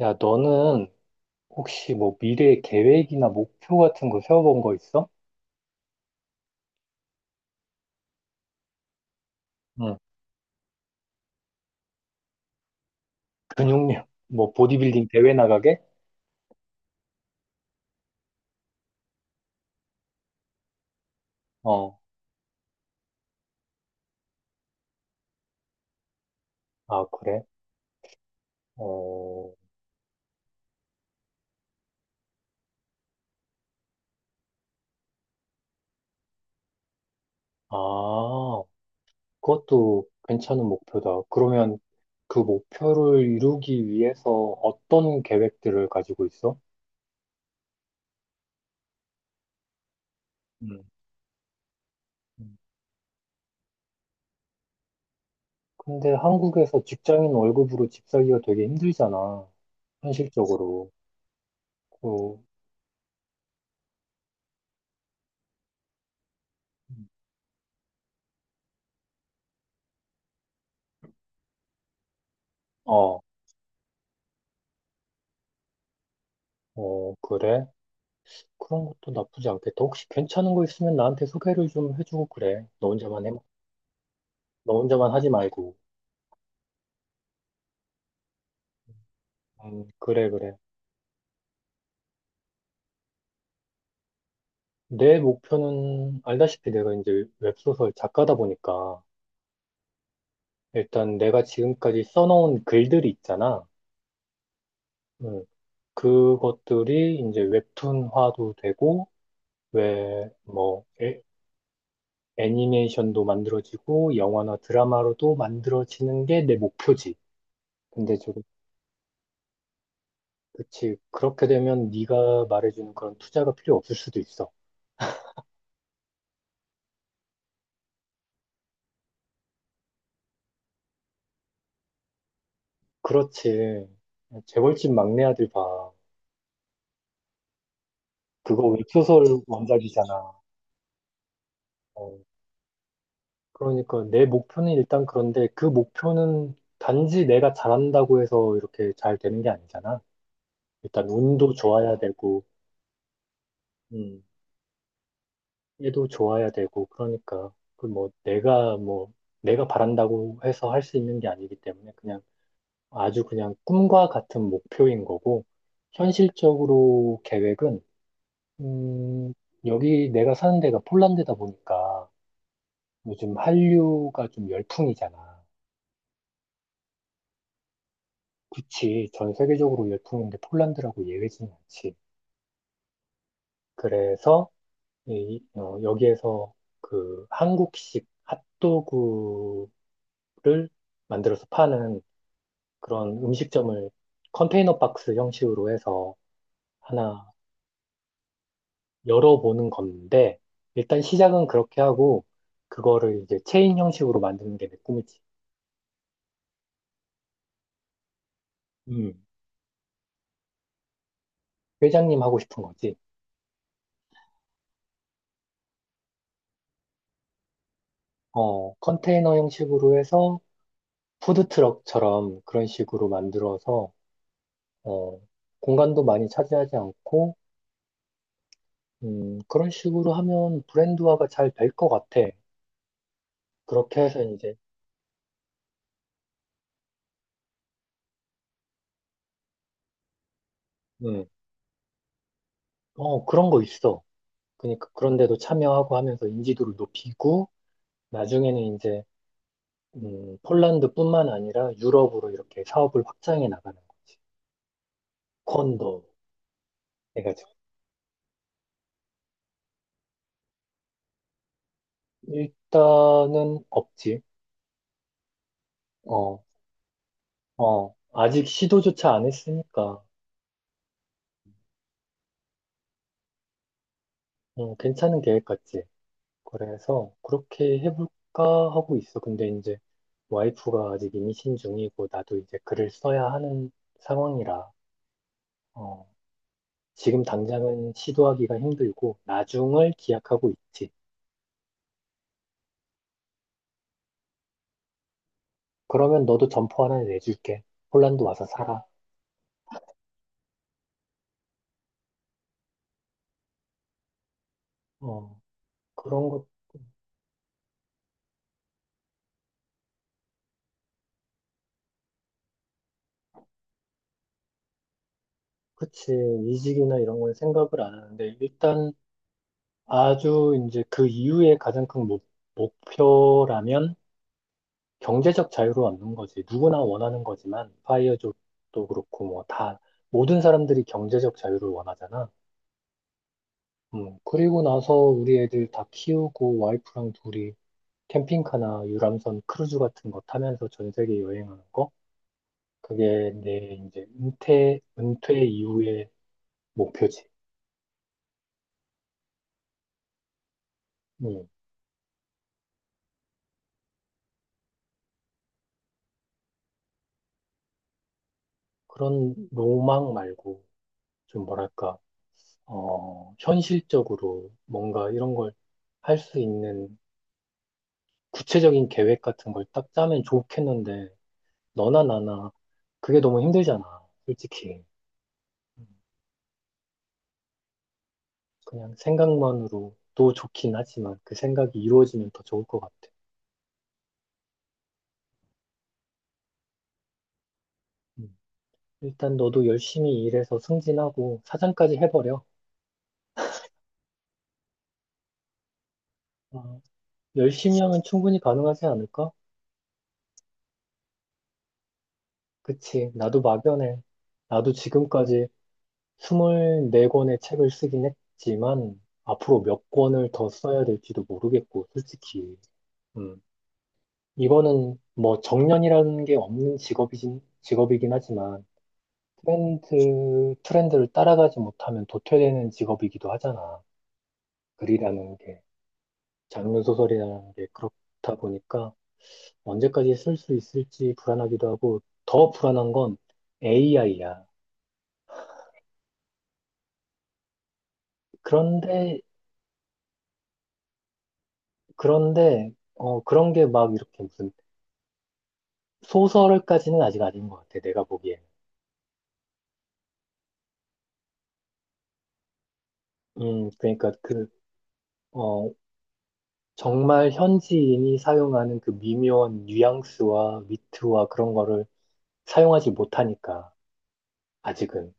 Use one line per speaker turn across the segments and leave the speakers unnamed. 야, 너는 혹시 뭐 미래 계획이나 목표 같은 거 세워본 거 있어? 응. 근육량, 뭐 보디빌딩 대회 나가게? 어, 아, 그래? 어, 아, 그것도 괜찮은 목표다. 그러면 그 목표를 이루기 위해서 어떤 계획들을 가지고 있어? 응. 응. 근데 한국에서 직장인 월급으로 집 살기가 되게 힘들잖아. 현실적으로. 그, 어, 어, 그래? 그런 것도 나쁘지 않겠다. 혹시 괜찮은 거 있으면 나한테 소개를 좀 해주고 그래. 너 혼자만 해. 너 혼자만 하지 말고. 그래, 그래. 내 목표는 알다시피 내가 이제 웹소설 작가다 보니까 일단 내가 지금까지 써놓은 글들이 있잖아. 음, 그것들이 이제 웹툰화도 되고 왜 뭐 애, 애니메이션도 만들어지고 영화나 드라마로도 만들어지는 게 내 목표지. 근데 지 그치. 그렇게 되면 네가 말해주는 그런 투자가 필요 없을 수도 있어. 그렇지. 재벌집 막내 아들 봐. 그거 웹소설 원작이잖아. 어, 그러니까 내 목표는 일단 그런데 그 목표는 단지 내가 잘한다고 해서 이렇게 잘 되는 게 아니잖아. 일단 운도 좋아야 되고, 음, 얘도 좋아야 되고, 그러니까 그 뭐 내가 뭐 내가 바란다고 해서 할 수 있는 게 아니기 때문에 그냥 아주 그냥 꿈과 같은 목표인 거고, 현실적으로 계획은, 음, 여기 내가 사는 데가 폴란드다 보니까 요즘 한류가 좀 열풍이잖아. 그치. 전 세계적으로 열풍인데 폴란드라고 예외지는 않지. 그래서, 이, 어, 여기에서 그 한국식 핫도그를 만들어서 파는 그런 음식점을 컨테이너 박스 형식으로 해서 하나 열어보는 건데, 일단 시작은 그렇게 하고, 그거를 이제 체인 형식으로 만드는 게 내 꿈이지. 음, 회장님 하고 싶은 거지. 어, 컨테이너 형식으로 해서 푸드트럭처럼 그런 식으로 만들어서, 어, 공간도 많이 차지하지 않고, 그런 식으로 하면 브랜드화가 잘 될 것 같아. 그렇게 해서 이제, 음, 어, 그런 거 있어. 그러니까 그런데도 참여하고 하면서 인지도를 높이고, 나중에는 이제 폴란드뿐만 아니라 유럽으로 이렇게 사업을 확장해 나가는 거지. 콘도 해가지고. 일단은 없지. 어, 어. 아직 시도조차 안 했으니까, 괜찮은 계획 같지. 그래서 그렇게 해볼까 하고 있어. 근데 이제 와이프가 아직 임신 중이고, 나도 이제 글을 써야 하는 상황이라, 어, 지금 당장은 시도하기가 힘들고, 나중을 기약하고 있지. 그러면 너도 점포 하나 내줄게. 폴란드 와서 살아. 어. 그런 것, 그치. 이직이나 이런 건 생각을 안 하는데, 일단 아주 이제 그 이후에 가장 큰 목표라면 경제적 자유로 얻는 거지. 누구나 원하는 거지만, 파이어족도 그렇고, 뭐 다, 모든 사람들이 경제적 자유를 원하잖아. 그리고 나서 우리 애들 다 키우고, 와이프랑 둘이 캠핑카나 유람선 크루즈 같은 거 타면서 전 세계 여행하는 거? 그게 내 이제 은퇴 이후의 목표지. 음. 그런 로망 말고 좀 뭐랄까, 어, 현실적으로 뭔가 이런 걸 할 수 있는 구체적인 계획 같은 걸 딱 짜면 좋겠는데 너나 나나 그게 너무 힘들잖아, 솔직히. 음, 그냥 생각만으로도 좋긴 하지만 그 생각이 이루어지면 더 좋을 것 같아. 음, 일단 너도 열심히 일해서 승진하고 사장까지 해버려. 어, 열심히 하면 충분히 가능하지 않을까? 그치. 나도 막연해. 나도 지금까지 24권의 책을 쓰긴 했지만 앞으로 몇 권을 더 써야 될지도 모르겠고 솔직히 음, 이거는 뭐 정년이라는 게 없는 직업이긴 하지만 트렌드를 따라가지 못하면 도태되는 직업이기도 하잖아. 글이라는 게 장르 소설이라는 게 그렇다 보니까 언제까지 쓸 수 있을지 불안하기도 하고 더 불안한 건 AI야. 그런데 그런데 어, 그런 게 막 이렇게 무슨 소설까지는 아직 아닌 것 같아, 내가 보기에는. 그러니까 그, 어, 정말 현지인이 사용하는 그 미묘한 뉘앙스와 위트와 그런 거를 사용하지 못하니까, 아직은.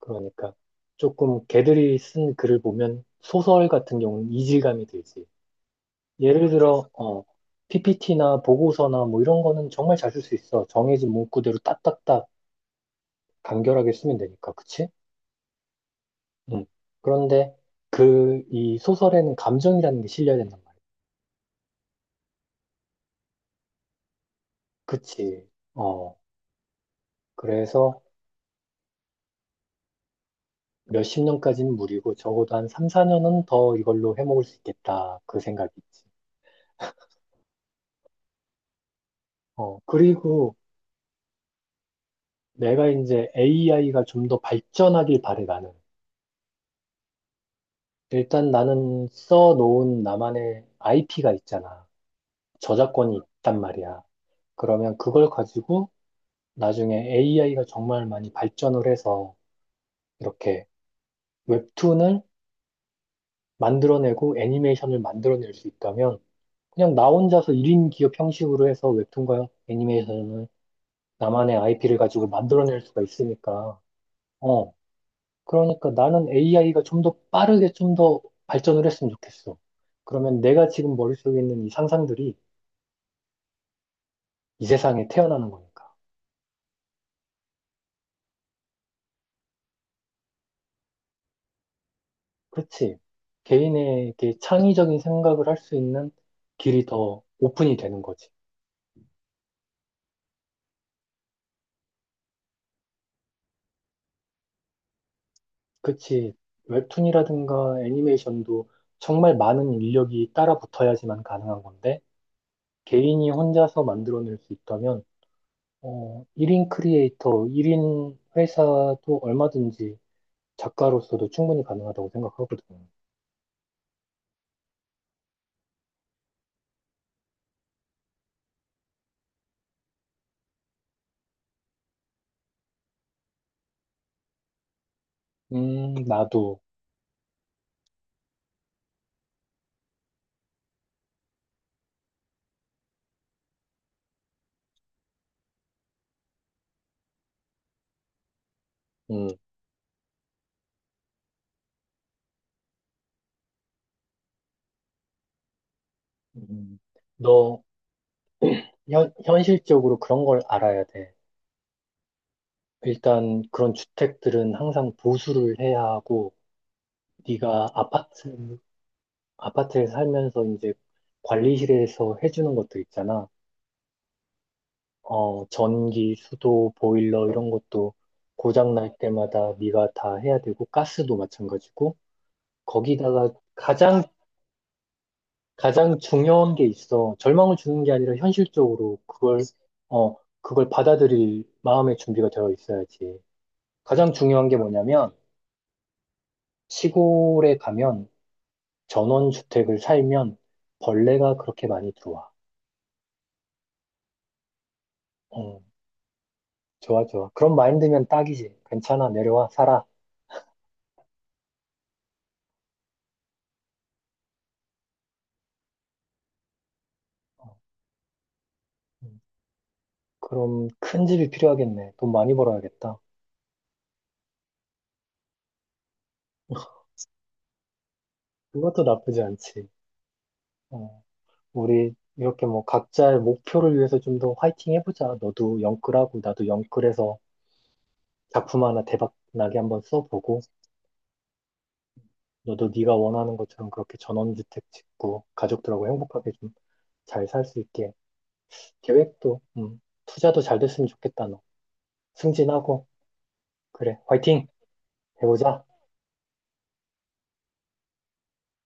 그러니까 조금 걔들이 쓴 글을 보면 소설 같은 경우는 이질감이 들지. 예를 들어, 어, PPT나 보고서나 뭐 이런 거는 정말 잘 쓸 수 있어. 정해진 문구대로 딱딱딱 간결하게 쓰면 되니까, 그치? 음. 그런데 그 이 소설에는 감정이라는 게 실려야 된단 말이야. 그치. 어. 그래서 몇십 년까지는 무리고 적어도 한 3, 4년은 더 이걸로 해먹을 수 있겠다. 그 생각이지. 어. 그리고 내가 이제 AI가 좀 더 발전하길 바래 나는. 일단 나는 써놓은 나만의 IP가 있잖아. 저작권이 있단 말이야. 그러면 그걸 가지고 나중에 AI가 정말 많이 발전을 해서 이렇게 웹툰을 만들어내고 애니메이션을 만들어낼 수 있다면 그냥 나 혼자서 1인 기업 형식으로 해서 웹툰과 애니메이션을 나만의 IP를 가지고 만들어낼 수가 있으니까 어 그러니까 나는 AI가 좀 더 빠르게 좀 더 발전을 했으면 좋겠어. 그러면 내가 지금 머릿속에 있는 이 상상들이 이 세상에 태어나는 거니까. 그렇지. 개인에게 창의적인 생각을 할 수 있는 길이 더 오픈이 되는 거지. 그치. 웹툰이라든가 애니메이션도 정말 많은 인력이 따라붙어야지만 가능한 건데, 개인이 혼자서 만들어낼 수 있다면, 어, 1인 크리에이터, 1인 회사도 얼마든지 작가로서도 충분히 가능하다고 생각하거든. 나도, 음, 음. 너 현실적으로 그런 걸 알아야 돼. 일단 그런 주택들은 항상 보수를 해야 하고, 네가 아파트, 아파트에 살면서 이제 관리실에서 해주는 것들 있잖아. 어, 전기, 수도, 보일러 이런 것도 고장 날 때마다 네가 다 해야 되고 가스도 마찬가지고 거기다가 가장 중요한 게 있어. 절망을 주는 게 아니라 현실적으로 그걸 어, 그걸 받아들일 마음의 준비가 되어 있어야지. 가장 중요한 게 뭐냐면 시골에 가면 전원주택을 살면 벌레가 그렇게 많이 들어와. 어, 좋아, 좋아. 그런 마인드면 딱이지. 괜찮아, 내려와, 살아. 어, 음. 그럼 큰 집이 필요하겠네. 돈 많이 벌어야겠다. 그것도 나쁘지 않지. 어, 우리 이렇게 뭐 각자의 목표를 위해서 좀 더 화이팅 해보자. 너도 영끌하고 나도 영끌해서 작품 하나 대박 나게 한번 써보고 너도 네가 원하는 것처럼 그렇게 전원주택 짓고 가족들하고 행복하게 좀 잘 살 수 있게 계획도 투자도 잘 됐으면 좋겠다, 너. 승진하고 그래, 화이팅 해보자.